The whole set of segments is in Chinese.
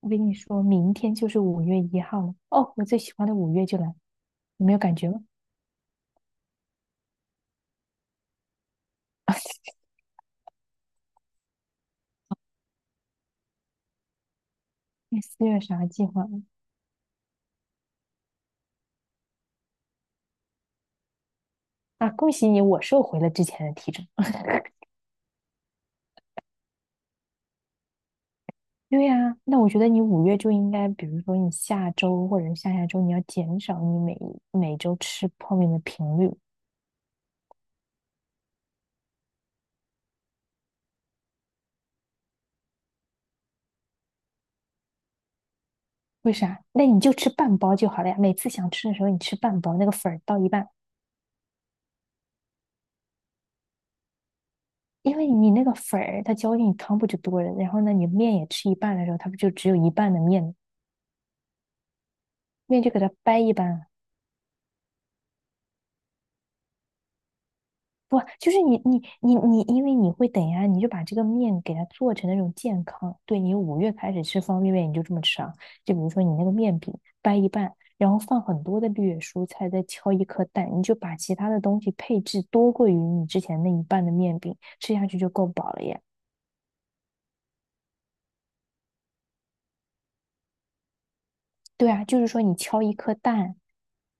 我跟你说，明天就是5月1号了。哦，我最喜欢的五月就来了，你没有感觉吗？你4月啥计划吗？啊，恭喜你，我收回了之前的体重。对呀，那我觉得你五月就应该，比如说你下周或者是下下周，你要减少你每周吃泡面的频率。为啥？那你就吃半包就好了呀。每次想吃的时候，你吃半包，那个粉儿倒一半，因为你那个粉儿它浇进你汤不就多了？然后呢，你面也吃一半的时候，它不就只有一半的面吗？面就给它掰一半啊，不，就是你，因为你会等呀，你就把这个面给它做成那种健康。对你五月开始吃方便面，你就这么吃啊？就比如说你那个面饼掰一半，然后放很多的绿叶蔬菜，再敲一颗蛋，你就把其他的东西配置多过于你之前那一半的面饼，吃下去就够饱了耶。对啊，就是说你敲一颗蛋，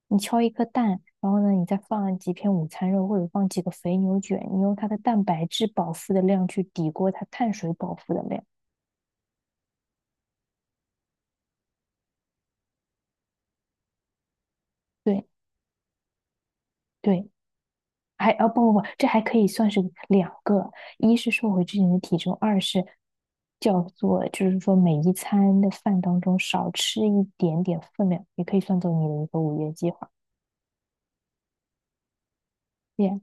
你敲一颗蛋，然后呢，你再放几片午餐肉，或者放几个肥牛卷，你用它的蛋白质饱腹的量去抵过它碳水饱腹的量。对，对，还哦不不不，这还可以算是两个，一是瘦回之前的体重，二是叫做就是说每一餐的饭当中少吃一点点分量，也可以算作你的一个五月计划。耶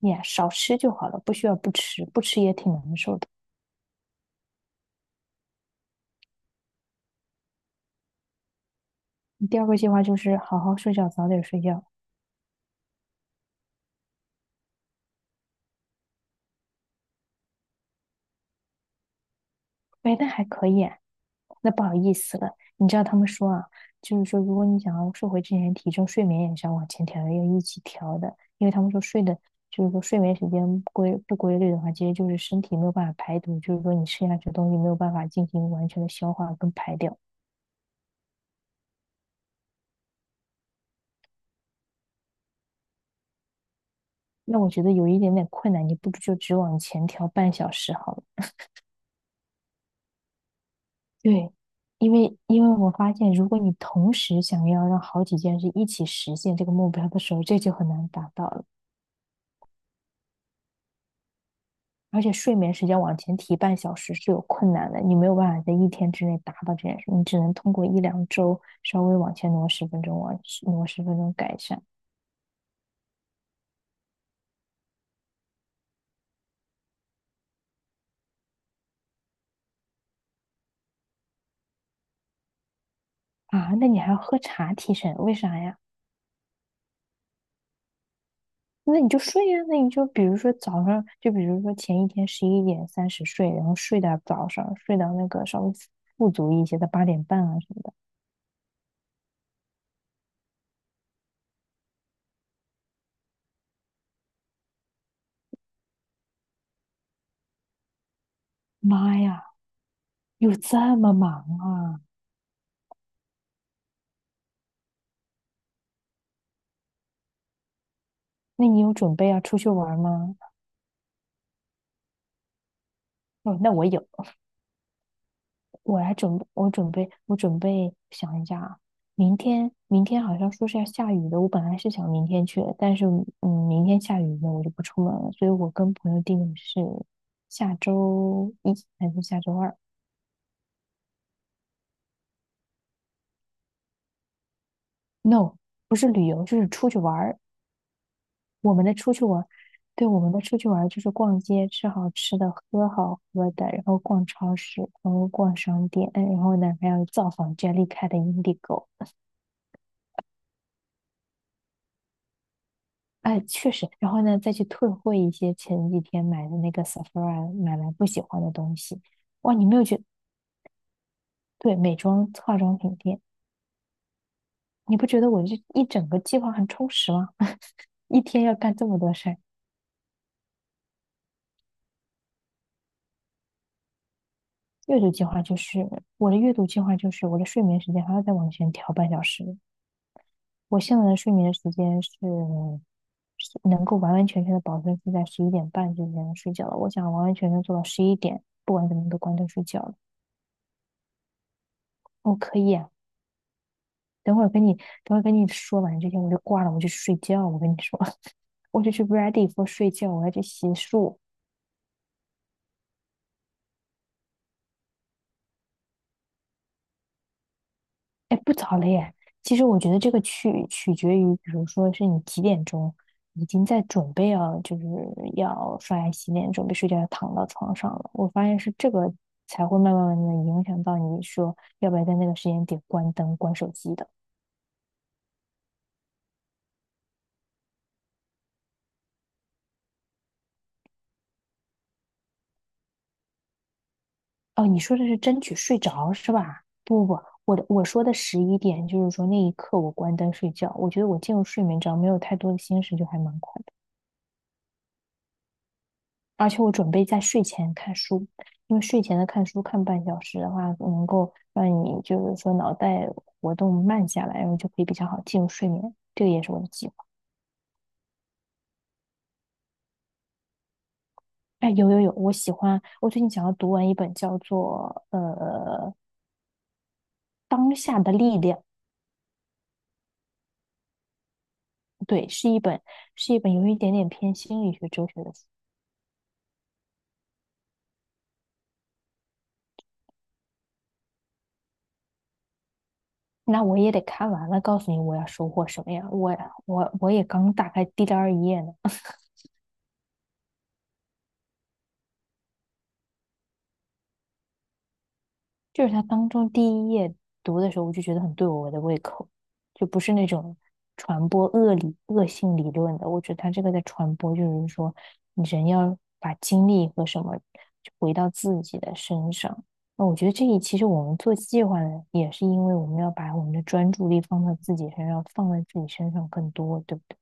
耶，少吃就好了，不需要不吃，不吃也挺难受的。第二个计划就是好好睡觉，早点睡觉。哎，那还可以啊。那不好意思了，你知道他们说啊，就是说，如果你想要瘦回之前的体重，睡眠也是要往前调的，要一起调的，因为他们说睡的，就是说睡眠时间不规律的话，其实就是身体没有办法排毒，就是说你吃下去的东西没有办法进行完全的消化跟排掉。那我觉得有一点点困难，你不如就只往前调半小时好了。对，因为我发现，如果你同时想要让好几件事一起实现这个目标的时候，这就很难达到了。而且睡眠时间往前提半小时是有困难的，你没有办法在一天之内达到这件事，你只能通过一两周稍微往前挪十分钟，往挪十分钟改善啊。那你还要喝茶提神，为啥呀？那你就睡呀、啊那你就比如说早上，就比如说前一天11:30睡，然后睡到早上，睡到那个稍微富足一些的8点半啊什么的。妈呀，有这么忙啊？那你有准备要出去玩吗？哦，那我有，我来准备，我准备，我准备想一下啊，明天好像说是要下雨的，我本来是想明天去的但是嗯，明天下雨呢，我就不出门了，所以我跟朋友定的是下周一还是下周二？No，不是旅游，就是出去玩儿。我们的出去玩儿，对，我们的出去玩儿就是逛街，吃好吃的，喝好喝的，然后逛超市，然后逛商店，然后呢还有造访 Jellycat 的 Indigo。哎，确实，然后呢，再去退货一些前几天买的那个 Sephora 买来不喜欢的东西。哇，你没有觉得对，美妆化妆品店，你不觉得我这一整个计划很充实吗？一天要干这么多事儿。阅读计划就是我的阅读计划就是我的睡眠时间还要再往前调半小时。我现在的睡眠时间是能够完完全全的保证是在11点半之前睡觉了。我想完完全全做到十一点，不管怎么都关灯睡觉了。我可以啊。等会儿跟你，等会儿跟你说完这些，我就挂了，我就去睡觉。我跟你说，我就去 ready for 睡觉，我要去洗漱。哎，不早了耶。其实我觉得这个取决于，比如说是你几点钟已经在准备要，就是要刷牙洗脸，准备睡觉，要躺到床上了。我发现是这个才会慢慢的影响到你说要不要在那个时间点关灯、关手机的。哦，你说的是争取睡着是吧？不不不，我说的十一点就是说那一刻我关灯睡觉，我觉得我进入睡眠只要没有太多的心事就还蛮快的。而且我准备在睡前看书，因为睡前的看书看半小时的话，能够让你就是说脑袋活动慢下来，然后就可以比较好进入睡眠。这个也是我的计划。哎，有有有，我喜欢，我最近想要读完一本叫做《当下的力量》，对，是一本有一点点偏心理学哲学的书。那我也得看完了，告诉你我要收获什么呀？我也刚打开第二页呢，就是它当中第一页读的时候，我就觉得很对我的胃口，就不是那种传播恶性理论的。我觉得他这个在传播，就是说人要把精力和什么回到自己的身上。那我觉得其实我们做计划呢，也是因为我们要把我们的专注力放到自己身上，放在自己身上更多，对不对？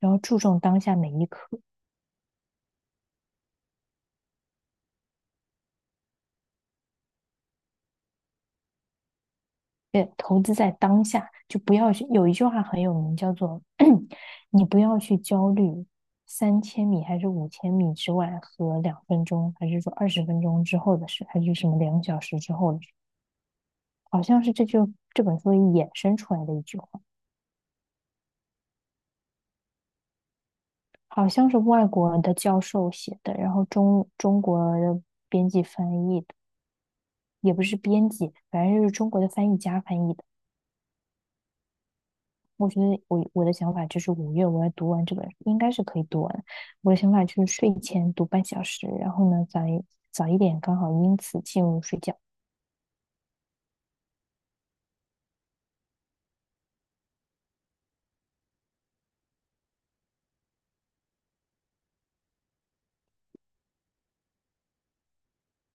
然后注重当下每一刻。对，投资在当下，就不要去。有一句话很有名，叫做 你不要去焦虑3000米还是5000米之外和2分钟，还是说20分钟之后的事，还是什么2小时之后的事，好像是这本书衍生出来的一句话，好像是外国的教授写的，然后中国的编辑翻译的，也不是编辑，反正就是中国的翻译家翻译的。我觉得我的想法就是五月我要读完这本书应该是可以读完。我的想法就是睡前读半小时，然后呢早一点，刚好因此进入睡觉。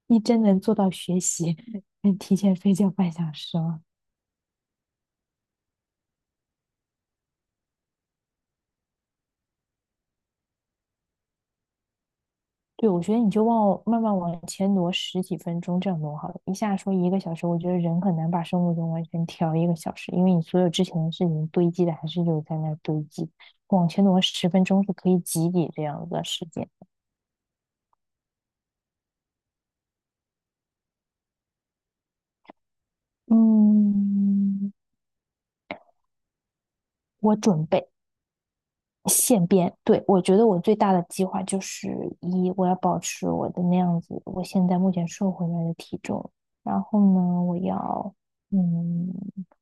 你真能做到学习，提前睡觉半小时吗？对，我觉得你就慢慢往前挪10几分钟，这样挪好了。一下说一个小时，我觉得人很难把生物钟完全调一个小时，因为你所有之前的事情堆积的还是有在那儿堆积。往前挪十分钟是可以挤挤这样子的时间。嗯，我准备现编，对，我觉得我最大的计划就是一，我要保持我的那样子，我现在目前瘦回来的体重，然后呢，我要，嗯，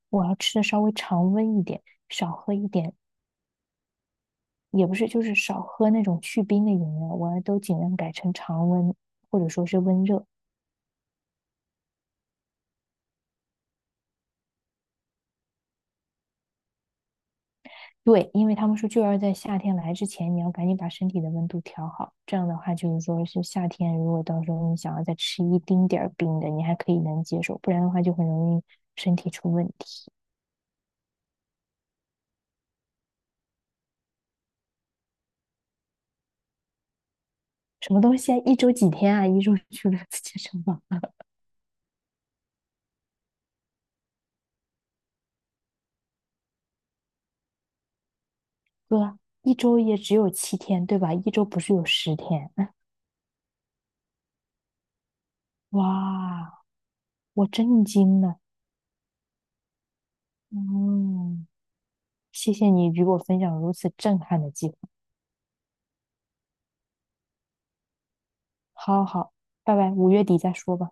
我要吃的稍微常温一点，少喝一点，也不是就是少喝那种去冰的饮料，我要都尽量改成常温或者说是温热，对，因为他们说就要在夏天来之前，你要赶紧把身体的温度调好。这样的话，就是说是夏天，如果到时候你想要再吃一丁点儿冰的，你还可以能接受，不然的话就很容易身体出问题。什么东西啊？一周几天啊？一周去了次健身房？哥，一周也只有7天，对吧？一周不是有10天？哇，我震惊了。嗯，谢谢你与我分享如此震撼的计划。好好好，拜拜，五月底再说吧。